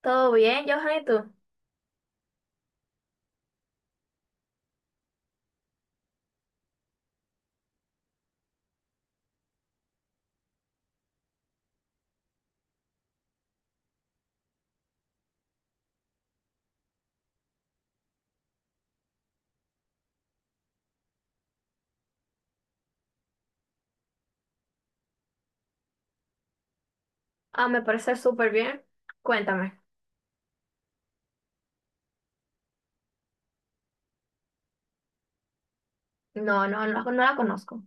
¿Todo bien, Johan? ¿Y tú? Ah, me parece súper bien. Cuéntame. No, no, no, no la conozco.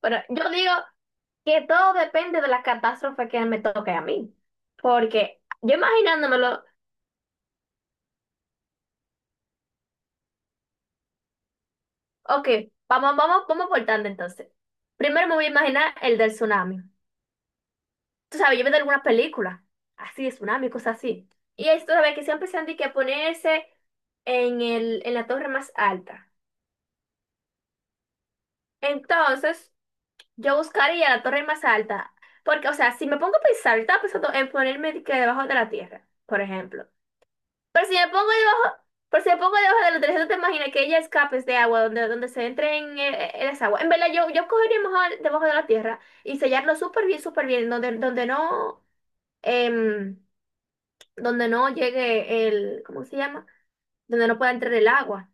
Pero yo digo que todo depende de la catástrofe que me toque a mí. Porque yo imaginándomelo, ok, vamos por tanto entonces. Primero me voy a imaginar el del tsunami. Tú sabes, yo veo de algunas películas, así de tsunami, cosas así. Y esto sabes que siempre se han dicho que ponerse en en la torre más alta. Entonces, yo buscaría la torre más alta, porque, o sea, si me pongo a pensar, yo estaba pensando en ponerme de que debajo de la tierra, por ejemplo. Pero si me pongo debajo, pero si me pongo debajo de la tierra, ¿tú te imaginas que ella escapes de agua, donde, se entre en esa agua? En verdad, yo cogería mejor debajo de la tierra y sellarlo súper bien, donde, donde no, em, donde no llegue el, ¿cómo se llama? Donde no pueda entrar el agua.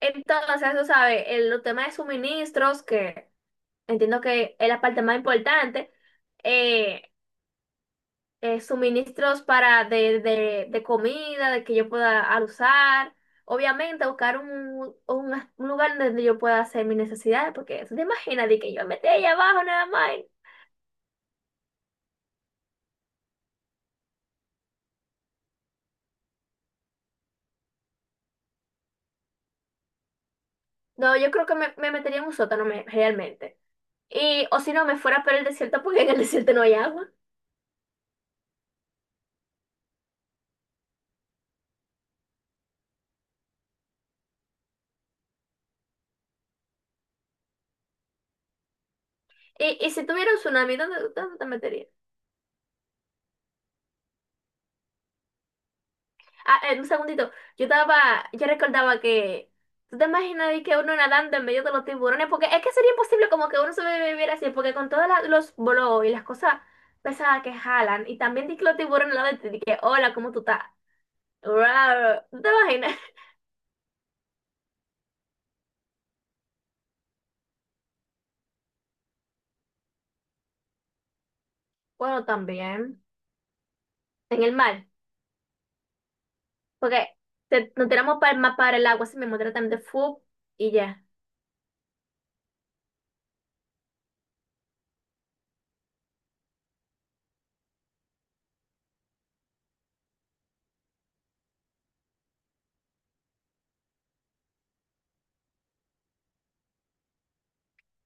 Entonces, eso sabe, el, los temas de suministros que entiendo que es la parte más importante. eh, Suministros para de comida, de que yo pueda al usar. Obviamente, buscar un, un lugar donde yo pueda hacer mis necesidades, porque te imaginas de que yo me metí ahí abajo nada más. No, yo creo que me metería en un sótano realmente. Y, o si no, me fuera por el desierto, porque en el desierto no hay agua. Y si tuviera un tsunami, ¿dónde, dónde te meterías? Ah, un segundito. Yo recordaba que. ¿Tú te imaginas ahí que uno nadando en medio de los tiburones? Porque es que sería imposible como que uno sobreviviera así, porque con todos los bolos y las cosas pesadas que jalan, y también di que los tiburones al lado de ti, di que, hola, ¿cómo tú estás? Rar. ¿Tú te imaginas? Bueno, también. En el mar. Porque nos tiramos para el mar, para el agua, así mismo, tratan de fu y ya.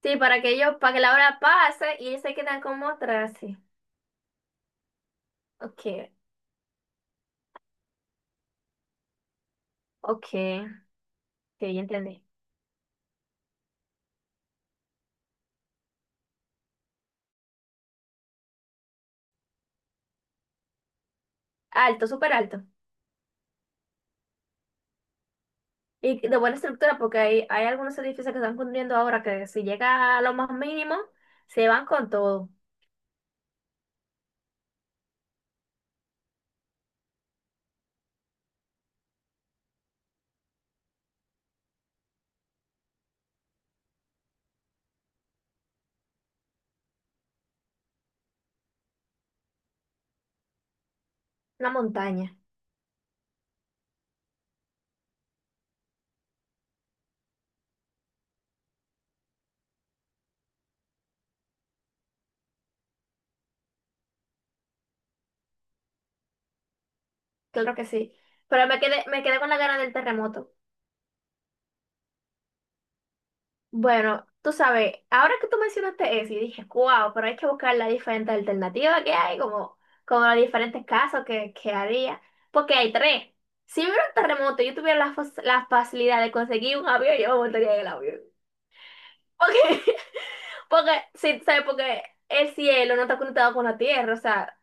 Sí, para que ellos, para que la hora pase y ellos se quedan como atrás, sí. Ok, ok, sí, ya entendí. Alto, súper alto. Y de buena estructura, porque hay algunos edificios que están construyendo ahora que si llega a lo más mínimo, se van con todo. Una montaña, claro que sí. Me quedé con la gana del terremoto. Bueno, tú sabes, ahora que tú mencionaste eso, y dije, wow, pero hay que buscar las diferentes alternativas que hay, como, como los diferentes casos que había. Porque hay tres. Si hubiera un terremoto y yo tuviera la, la facilidad de conseguir un avión, yo me montaría en el avión. Porque, porque, sí, ¿sabes? Porque el cielo no está conectado con la tierra, o sea,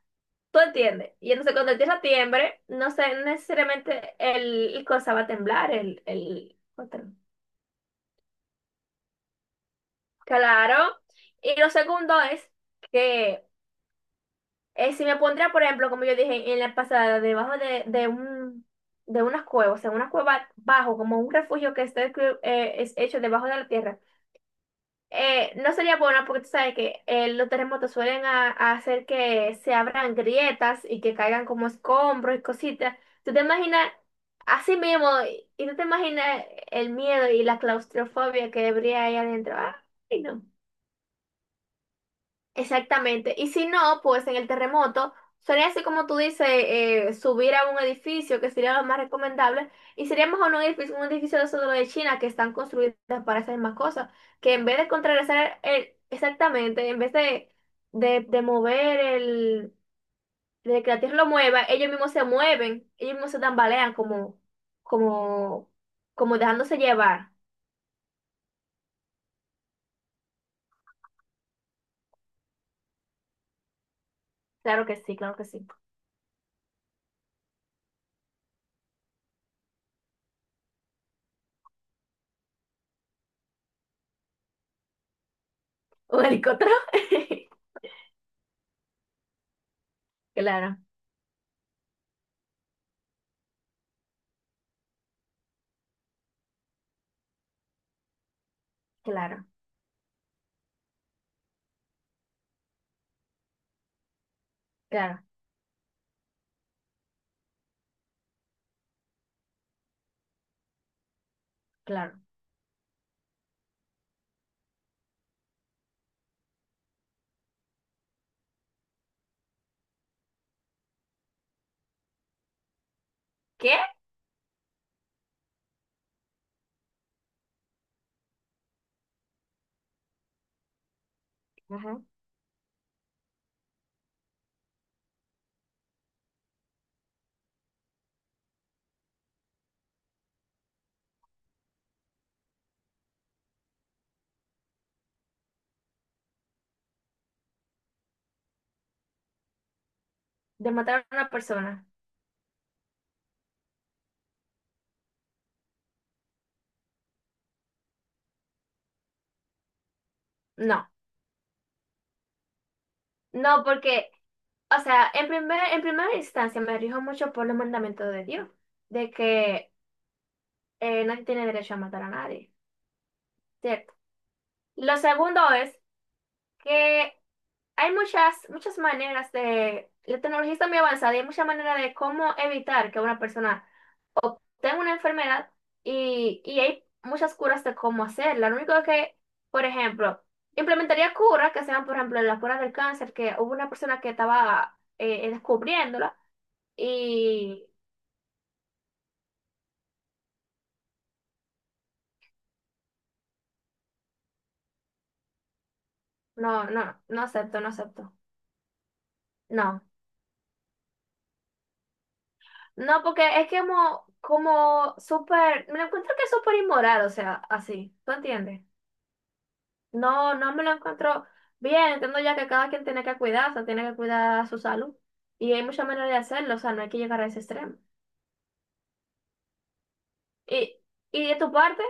tú entiendes. Y entonces cuando la tierra tiembre, no sé, no necesariamente el cosa va a temblar, el otro. Claro. Y lo segundo es que si me pondría, por ejemplo, como yo dije en la pasada, debajo de un de unas cuevas, o sea, una cueva bajo, como un refugio que está, es hecho debajo de la tierra. No sería buena porque tú sabes que los terremotos suelen a hacer que se abran grietas y que caigan como escombros y cositas. Tú te imaginas así mismo y tú te imaginas el miedo y la claustrofobia que habría ahí adentro. Ay, no. Exactamente. Y si no, pues en el terremoto sería así como tú dices, subir a un edificio que sería lo más recomendable. Y sería mejor un edificio de esos de los de China que están construidas para esas mismas cosas. Que en vez de contrarrestar exactamente, en vez de, de mover el, de que la tierra lo mueva, ellos mismos se mueven, ellos mismos se tambalean como, como, como dejándose llevar. Claro que sí, claro que sí. Un helicóptero. Claro, claro, claro, claro. ¿Qué? Ujú. ¿De matar a una persona? No, no, porque, o sea, en primera instancia me rijo mucho por los mandamientos de Dios, de que nadie tiene derecho a matar a nadie, ¿cierto? Lo segundo es que hay muchas, muchas maneras de, la tecnología está muy avanzada y hay muchas maneras de cómo evitar que una persona tengo una enfermedad y hay muchas curas de cómo hacerla. Lo único que, por ejemplo, implementaría curas que sean, por ejemplo, la cura del cáncer, que hubo una persona que estaba descubriéndola y no, no, no acepto, no acepto. No, no, porque es que como, como súper, me lo encuentro que es súper inmoral, o sea, así, ¿tú entiendes? No, no me lo encuentro bien, entiendo ya que cada quien tiene que cuidarse, tiene que cuidar su salud y hay muchas maneras de hacerlo, o sea, no hay que llegar a ese extremo. Y, y de tu parte,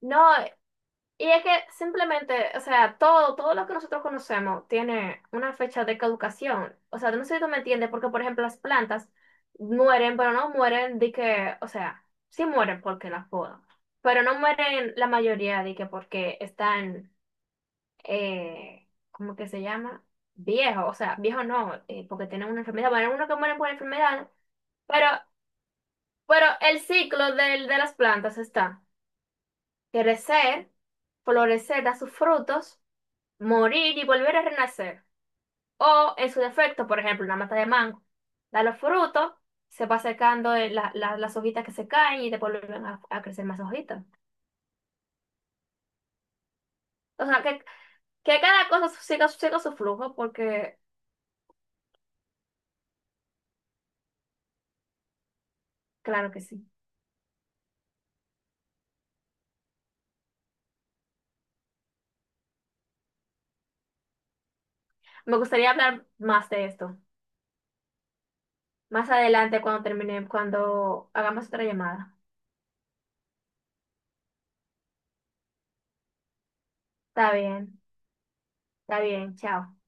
no, y es que simplemente, o sea, todo, todo lo que nosotros conocemos tiene una fecha de caducación. O sea, no sé si tú me entiendes, porque por ejemplo las plantas mueren, pero no mueren de que, o sea, sí mueren porque las podan, pero no mueren la mayoría de que porque están, ¿cómo que se llama? Viejos, o sea, viejos no, porque tienen una enfermedad, bueno, hay unos que mueren por enfermedad, pero, pero el ciclo de las plantas está. Crecer, florecer, dar sus frutos, morir y volver a renacer. O, en su defecto, por ejemplo, una mata de mango, da los frutos, se va secando la- las hojitas que se caen y después vuelven a crecer más hojitas. O sea, que cada cosa siga, siga su flujo, porque claro que sí. Me gustaría hablar más de esto, más adelante cuando termine, cuando hagamos otra llamada. Está bien, está bien, chao.